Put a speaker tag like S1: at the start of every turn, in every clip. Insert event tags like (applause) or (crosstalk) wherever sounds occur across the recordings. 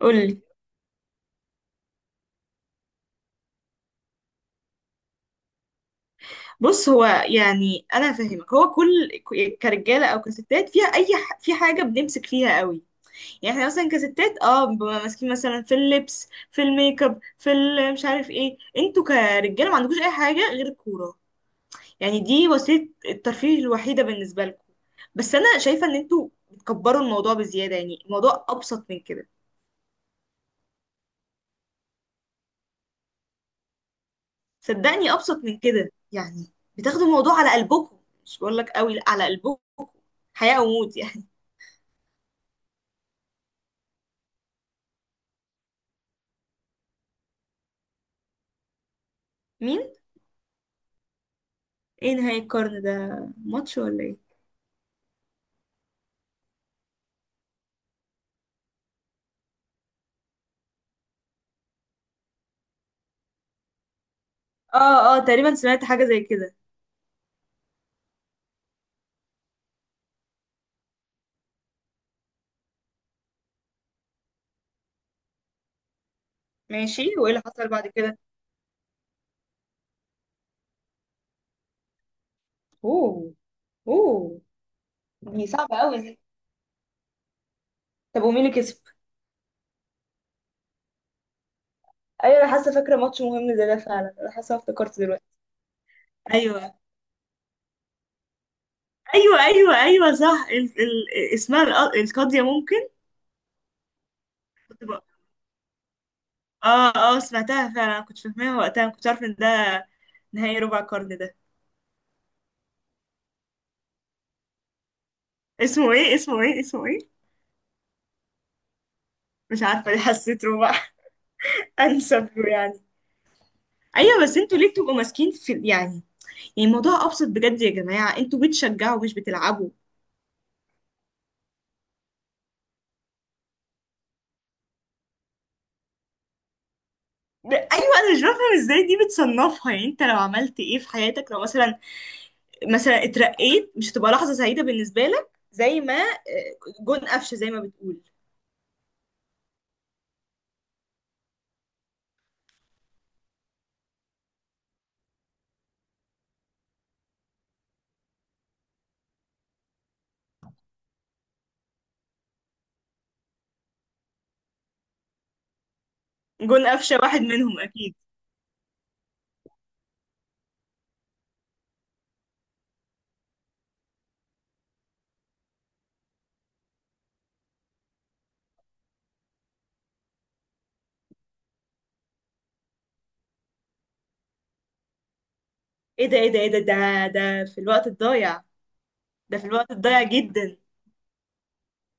S1: قولي. بص، هو يعني انا هفهمك. هو كل كرجاله او كستات فيها في حاجه بنمسك فيها قوي. يعني احنا مثلا كستات بنبقى ماسكين مثلا في اللبس، في الميك اب، مش عارف ايه. انتوا كرجاله ما عندكوش اي حاجه غير الكوره. يعني دي وسيله الترفيه الوحيده بالنسبه لكم. بس انا شايفه ان انتوا بتكبروا الموضوع بزياده. يعني الموضوع ابسط من كده. صدقني ابسط من كده يعني. بتاخدوا الموضوع على قلبكم. مش بقول لك قوي، لا، على قلبكم. حياه وموت يعني. مين؟ ايه نهاية القرن ده؟ ماتش ولا ايه؟ اه اه، تقريبا سمعت حاجة زي كده. ماشي، وايه اللي حصل بعد كده؟ اوه. اوه. دي صعبة قوي دي. طب ومين اللي كسب؟ ايوه، انا حاسة، فاكرة ماتش مهم زي ده فعلا، انا حاسة افتكرت دلوقتي. ايوه ايوه ايوه ايوه، صح. اسمها القاضية ممكن. كنت بق... اه اه، سمعتها فعلا، كنت فاهماها وقتها، ما كنتش عارفة ان ده نهاية ربع القرن ده. اسمه ايه؟ اسمه ايه؟ اسمه ايه؟ مش عارفة ليه حسيت ربع. (laughs) انسب له يعني. ايوه، بس انتوا ليه بتبقوا ماسكين في يعني؟ يعني الموضوع ابسط بجد يا جماعه. انتوا بتشجعوا مش بتلعبوا. ايوه، انا مش بفهم ازاي دي بتصنفها. يعني انت لو عملت ايه في حياتك، لو مثلا مثلا اترقيت، مش هتبقى لحظه سعيده بالنسبه لك زي ما جون قفشه زي ما بتقول؟ جون قفشه واحد منهم اكيد؟ ايه ده؟ ايه ده؟ ايه ده؟ ده ده في الوقت الضايع؟ ده في الوقت الضايع جدا.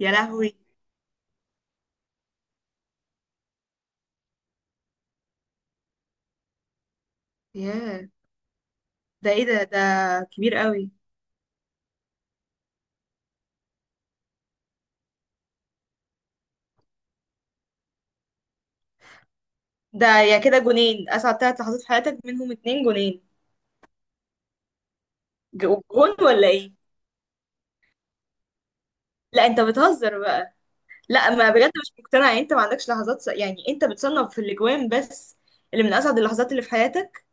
S1: يا لهوي. ياه، ده ايه ده؟ ده كبير قوي. ده يا كده جونين. اسعد ثلاث لحظات في حياتك منهم اتنين جونين؟ ج- جون ولا ايه؟ لا، انت بتهزر بقى. لا، ما بجد مش مقتنعه. يعني انت ما عندكش لحظات يعني انت بتصنف في الاجوان بس اللي من اسعد اللحظات اللي في حياتك؟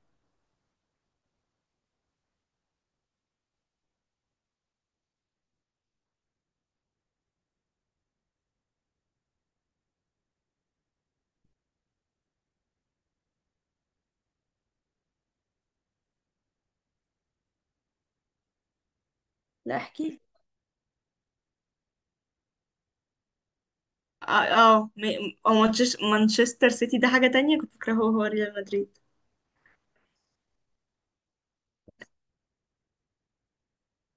S1: لا، احكي. اه. اه، أو مانشستر سيتي ده حاجه تانية، كنت فاكره هو هو ريال مدريد.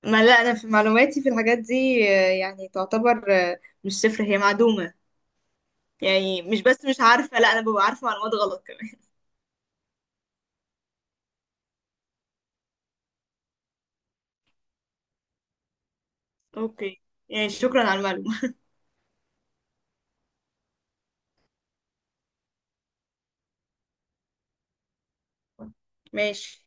S1: ما لا، انا في معلوماتي في الحاجات دي يعني تعتبر مش صفر، هي معدومه. يعني مش بس مش عارفه، لا انا ببقى عارفه معلومات غلط كمان. اوكي. يعني شكرا على المعلومه. (laughs) ماشي.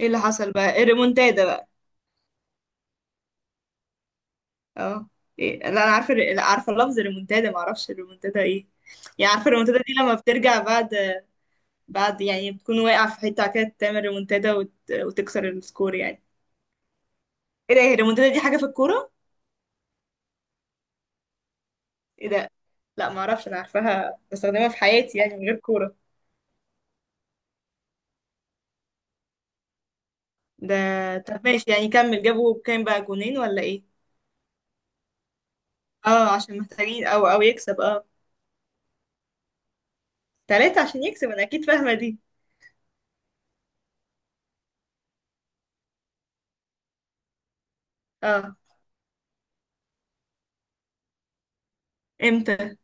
S1: ايه اللي حصل بقى؟ الريمونتادا بقى؟ اه. إيه. لا، انا عارفه لا، عارفه لفظ الريمونتادا، ما اعرفش الريمونتادا ايه. يعني عارفه الريمونتادا دي لما بترجع بعد بعد يعني، بتكون واقع في حته كده تعمل ريمونتادا وتكسر السكور يعني. ايه ده؟ هي الريمونتادا دي حاجه في الكوره؟ ايه ده. لا ما اعرفش، انا عارفاها بستخدمها في حياتي يعني من غير كوره. ده. طب ماشي يعني كمل. جابوا كام بقى؟ جونين ولا ايه؟ اه، عشان محتاجين او او يكسب، اه. تلاتة عشان يكسب، انا اكيد فاهمه دي. اه. امتى؟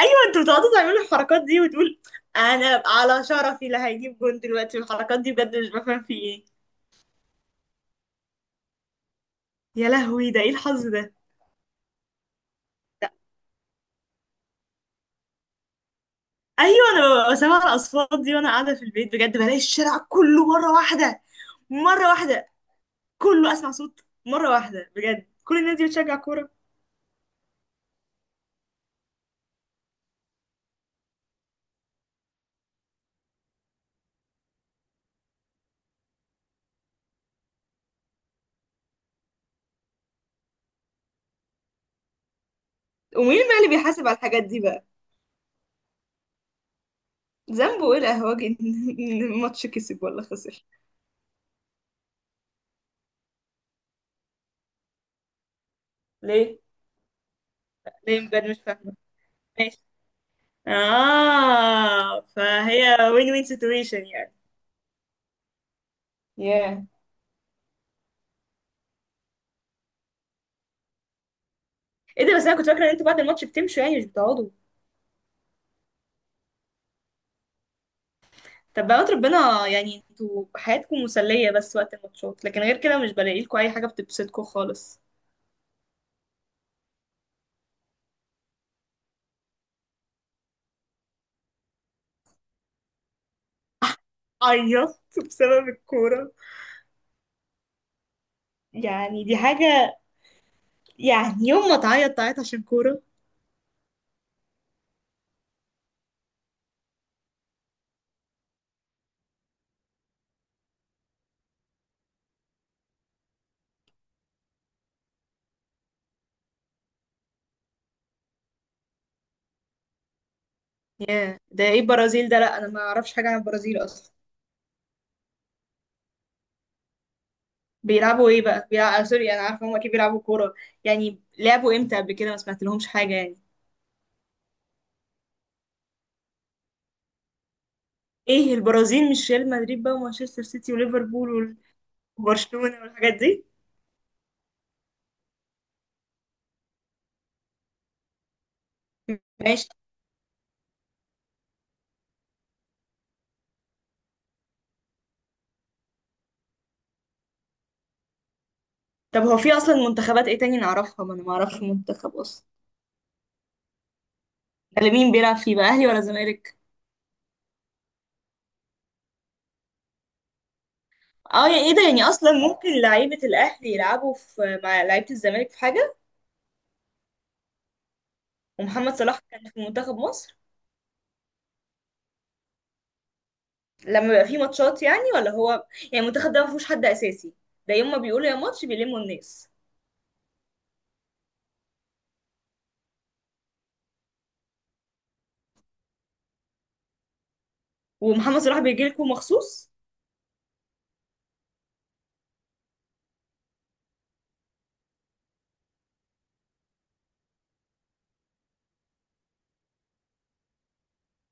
S1: ايوه، انتوا بتقعدوا تعملوا الحركات دي وتقول انا على شرفي لا، هيجيب جون دلوقتي. الحركات دي بجد مش بفهم في ايه. يا لهوي، ده ايه الحظ ده؟ لا. ايوه، انا ببقى سامعه الاصوات دي وانا قاعده في البيت بجد، بلاقي الشارع كله مره واحده، مره واحده، كله اسمع صوت مره واحده بجد، كل الناس دي بتشجع كوره. ومين بقى اللي بيحاسب على الحاجات دي بقى؟ ذنبه ايه الاهواج؟ ان إن الماتش كسب ولا خسر؟ ليه؟ ليه بجد مش فاهمه. ماشي. اه، فهي وين وين سيتويشن يعني. ياه. ايه ده؟ بس انا كنت فاكره ان انتوا بعد الماتش بتمشوا يعني، مش بتقعدوا. طب بقى، ربنا. يعني انتوا حياتكم مسليه بس وقت الماتشات، لكن غير كده مش بلاقي لكم اي حاجه بتبسطكم خالص. عيطت بسبب الكوره؟ يعني دي حاجه. يعني يوم ما تعيط، تعيط عشان كوره؟ ياه، ده ايه البرازيل ده؟ لا انا ما اعرفش حاجه عن البرازيل اصلا. بيلعبوا ايه بقى؟ بيلعبوا سوري، انا عارفه هم اكيد بيلعبوا كوره. يعني لعبوا امتى قبل كده؟ ما سمعت لهمش حاجه يعني. ايه البرازيل مش ريال مدريد بقى ومانشستر سيتي وليفربول وبرشلونه والحاجات دي؟ ماشي. طب هو في اصلا منتخبات ايه تاني نعرفها؟ ما انا ما اعرفش منتخب اصلا. ده اللي مين بيلعب فيه بقى؟ اهلي ولا زمالك؟ اه، يعني ايه ده؟ يعني اصلا ممكن لعيبه الاهلي يلعبوا في مع لعيبه الزمالك في حاجه؟ ومحمد صلاح كان في منتخب مصر؟ لما بيبقى فيه ماتشات يعني، ولا هو يعني المنتخب ده ما فيهوش حد اساسي؟ ده يوم ما بيقولوا يا ماتش بيلموا الناس. ومحمد صلاح بيجي لكم مخصوص؟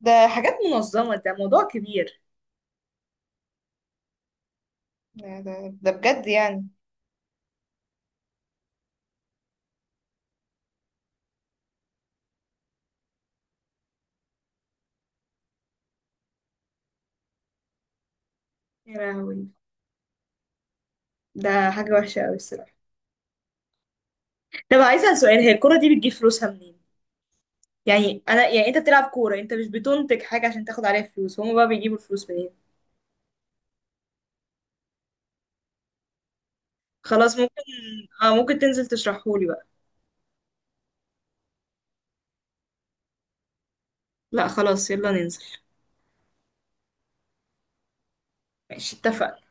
S1: ده حاجات منظمه، ده موضوع كبير. ده, ده, ده بجد يعني. يا لهوي، ده حاجه وحشه قوي الصراحه. طب عايزه اسال سؤال، هي الكره دي بتجيب فلوسها منين؟ يعني انا يعني انت بتلعب كوره، انت مش بتنتج حاجه عشان تاخد عليها فلوس، هما بقى بيجيبوا الفلوس منين؟ خلاص ممكن. اه ممكن تنزل تشرحهولي بقى. لا خلاص، يلا ننزل. ماشي، اتفقنا.